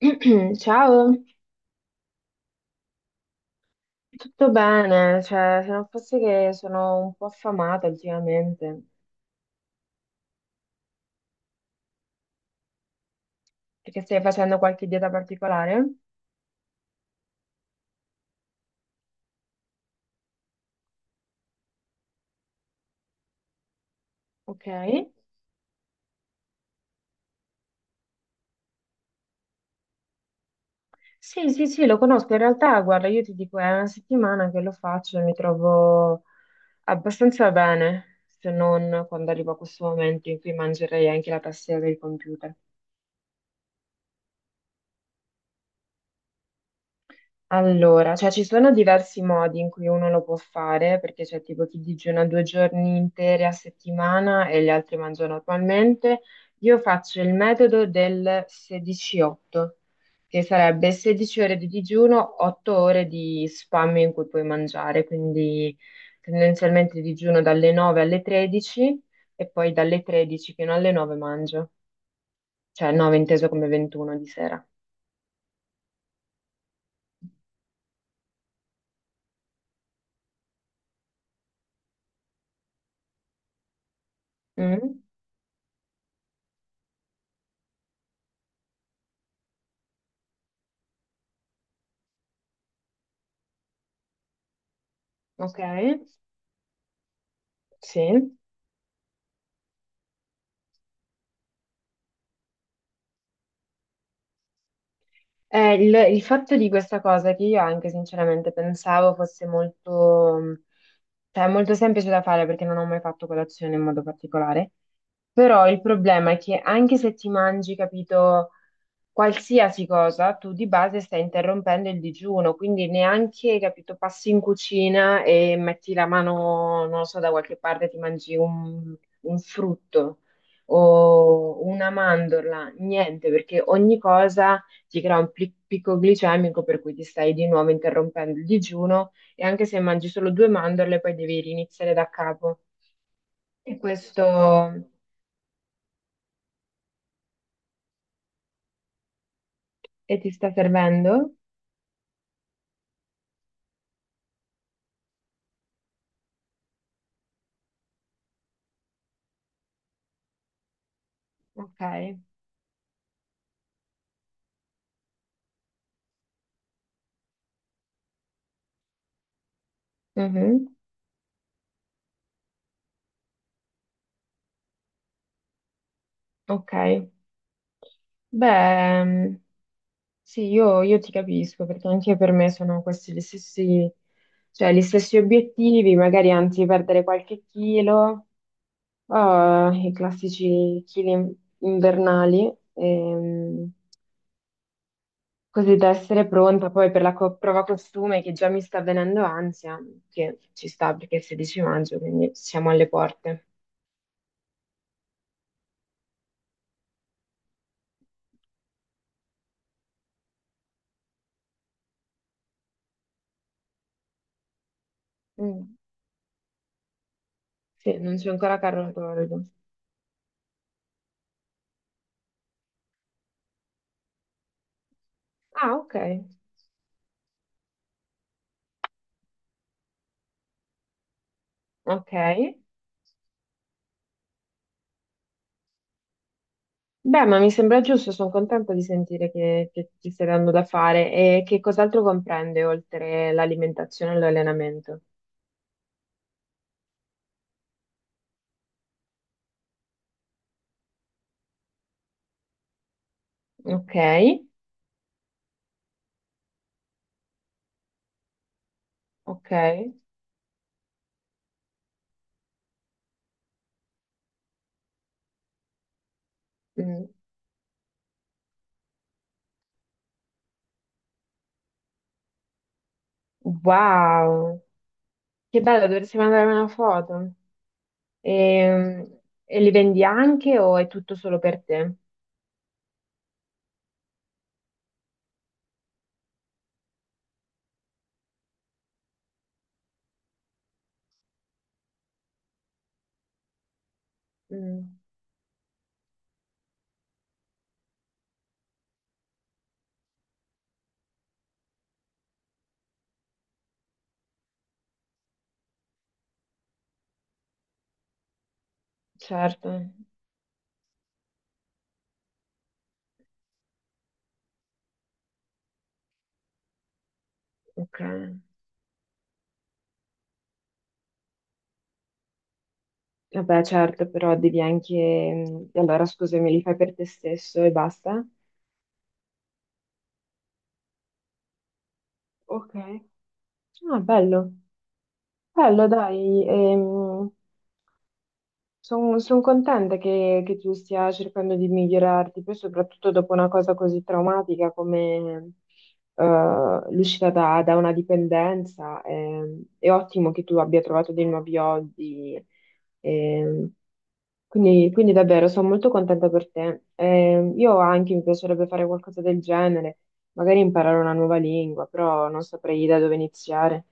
Ciao, tutto bene? Cioè, se non fosse che sono un po' affamata ultimamente, perché stai facendo qualche dieta particolare? Ok. Sì, sì, sì, lo conosco. In realtà, guarda, io ti dico, è una settimana che lo faccio e mi trovo abbastanza bene, se non quando arrivo a questo momento in cui mangerei anche la tastiera del computer. Allora, cioè ci sono diversi modi in cui uno lo può fare, perché c'è tipo chi digiuna due giorni interi a settimana e gli altri mangiano normalmente. Io faccio il metodo del 16-8, che sarebbe 16 ore di digiuno, 8 ore di spam in cui puoi mangiare, quindi tendenzialmente digiuno dalle 9 alle 13 e poi dalle 13 fino alle 9 mangio, cioè 9 inteso come 21 di sera. Mm, ok. Sì. Il fatto di questa cosa che io anche sinceramente pensavo fosse molto, cioè, molto semplice da fare perché non ho mai fatto colazione in modo particolare, però il problema è che anche se ti mangi, capito, qualsiasi cosa, tu di base stai interrompendo il digiuno, quindi neanche, capito, passi in cucina e metti la mano, non lo so, da qualche parte e ti mangi un frutto o una mandorla, niente, perché ogni cosa ti crea un picco glicemico per cui ti stai di nuovo interrompendo il digiuno e anche se mangi solo due mandorle, poi devi riniziare da capo. E questo... E ti sta servendo? Ok. Mhm. Ok. Beh, sì, io ti capisco perché anche per me sono questi gli stessi, cioè, gli stessi obiettivi, magari anzi perdere qualche chilo, o i classici invernali, così da essere pronta poi per la prova costume che già mi sta venendo ansia, che ci sta perché è il 16 maggio, quindi siamo alle porte. Mm. Sì, non c'è ancora Carlo Tordo. Ah, ok, ok. Beh, ma mi sembra giusto, sono contenta di sentire che ti stai dando da fare e che cos'altro comprende oltre l'alimentazione e l'allenamento. Ok, ok. Mm. Wow, che bello, dovresti mandarmi una foto. E, e li vendi anche o è tutto solo per te? Mm, certo, ok. Vabbè, certo, però devi anche... mm, allora, scusami, li fai per te stesso e basta? Ok. Ah, bello, bello, dai, sono contenta che tu stia cercando di migliorarti, poi soprattutto dopo una cosa così traumatica come l'uscita da, da una dipendenza. È ottimo che tu abbia trovato dei nuovi hobby. ehm, quindi, quindi davvero sono molto contenta per te. Io anche mi piacerebbe fare qualcosa del genere, magari imparare una nuova lingua, però non saprei da dove iniziare.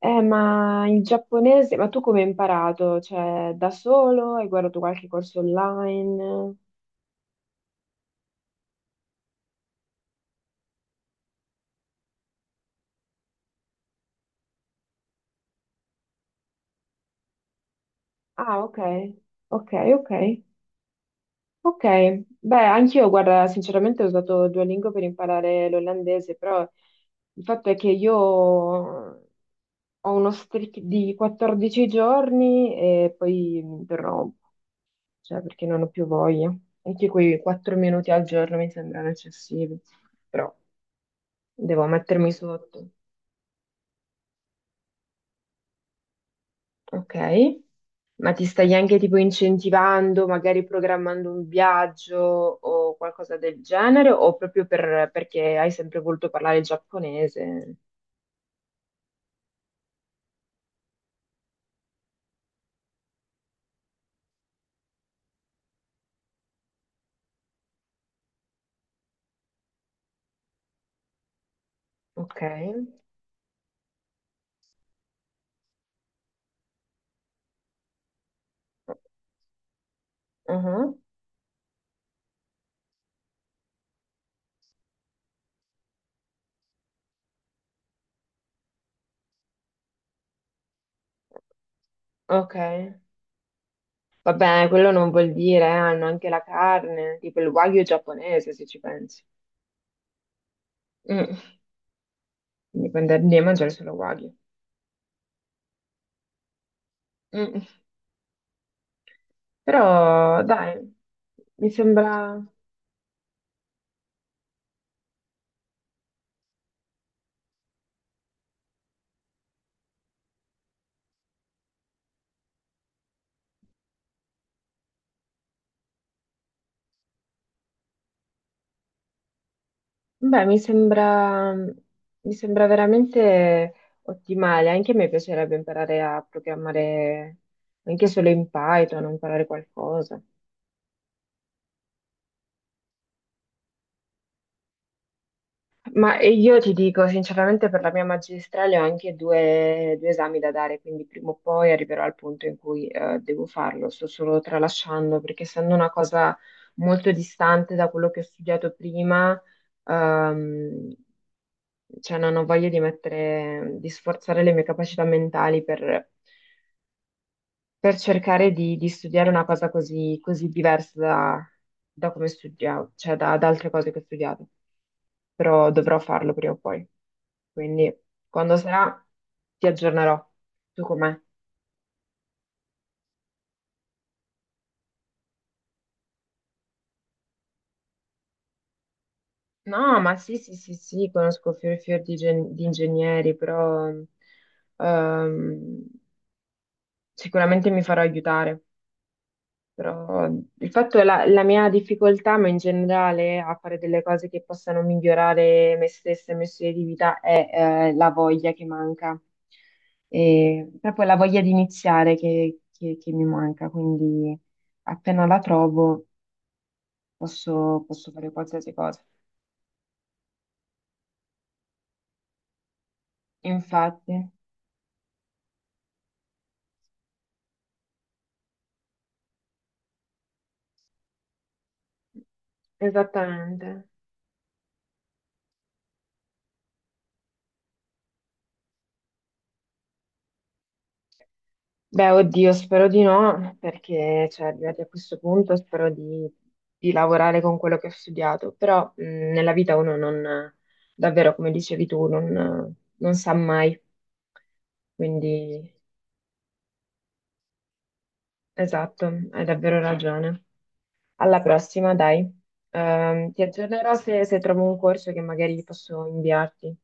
Ma il giapponese, ma tu come hai imparato? Cioè, da solo? Hai guardato qualche corso online? Ah, ok, ok, ok, ok. Beh, anch'io, guarda, sinceramente ho usato Duolingo per imparare l'olandese, però il fatto è che io ho uno streak di 14 giorni e poi mi interrompo, cioè perché non ho più voglia. Anche quei 4 minuti al giorno mi sembrano eccessivi, però devo mettermi sotto. Ok. Ma ti stai anche tipo incentivando, magari programmando un viaggio o qualcosa del genere, o proprio perché hai sempre voluto parlare giapponese? Ok. Mhm. Ok. Vabbè, quello non vuol dire, hanno anche la carne, tipo il wagyu giapponese, se ci pensi. Mm. Quindi puoi andare lì a mangiare solo wagyu. Mm. Però, dai, mi sembra... Beh, mi sembra veramente ottimale. Anche a me piacerebbe imparare a programmare anche solo in Python, o imparare qualcosa. Ma io ti dico, sinceramente, per la mia magistrale ho anche due esami da dare, quindi prima o poi arriverò al punto in cui devo farlo. Sto solo tralasciando, perché essendo una cosa molto distante da quello che ho studiato prima, ehm, cioè non ho voglia di mettere, di sforzare le mie capacità mentali per cercare di studiare una cosa così, così diversa da, da come studiavo, cioè da, da altre cose che ho studiato, però dovrò farlo prima o poi. Quindi quando sarà ti aggiornerò. Tu com'è? No, ma sì, sì, sì, sì, conosco fior e fior di, di ingegneri, però ehm, sicuramente mi farò aiutare. Però il fatto è la mia difficoltà, ma in generale a fare delle cose che possano migliorare me stessa e il mio stile di vita è la voglia che manca, e proprio la voglia di iniziare che, che mi manca, quindi appena la trovo posso, posso fare qualsiasi cosa. Infatti, esattamente. Beh, oddio, spero di no, perché cioè, arrivati a questo punto spero di lavorare con quello che ho studiato, però nella vita uno non, davvero, come dicevi tu, non, non sa mai, quindi esatto, hai davvero ragione. Alla prossima, dai. Ti aggiornerò se, se trovo un corso che magari posso inviarti,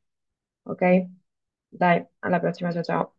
ok? Dai, alla prossima, ciao ciao.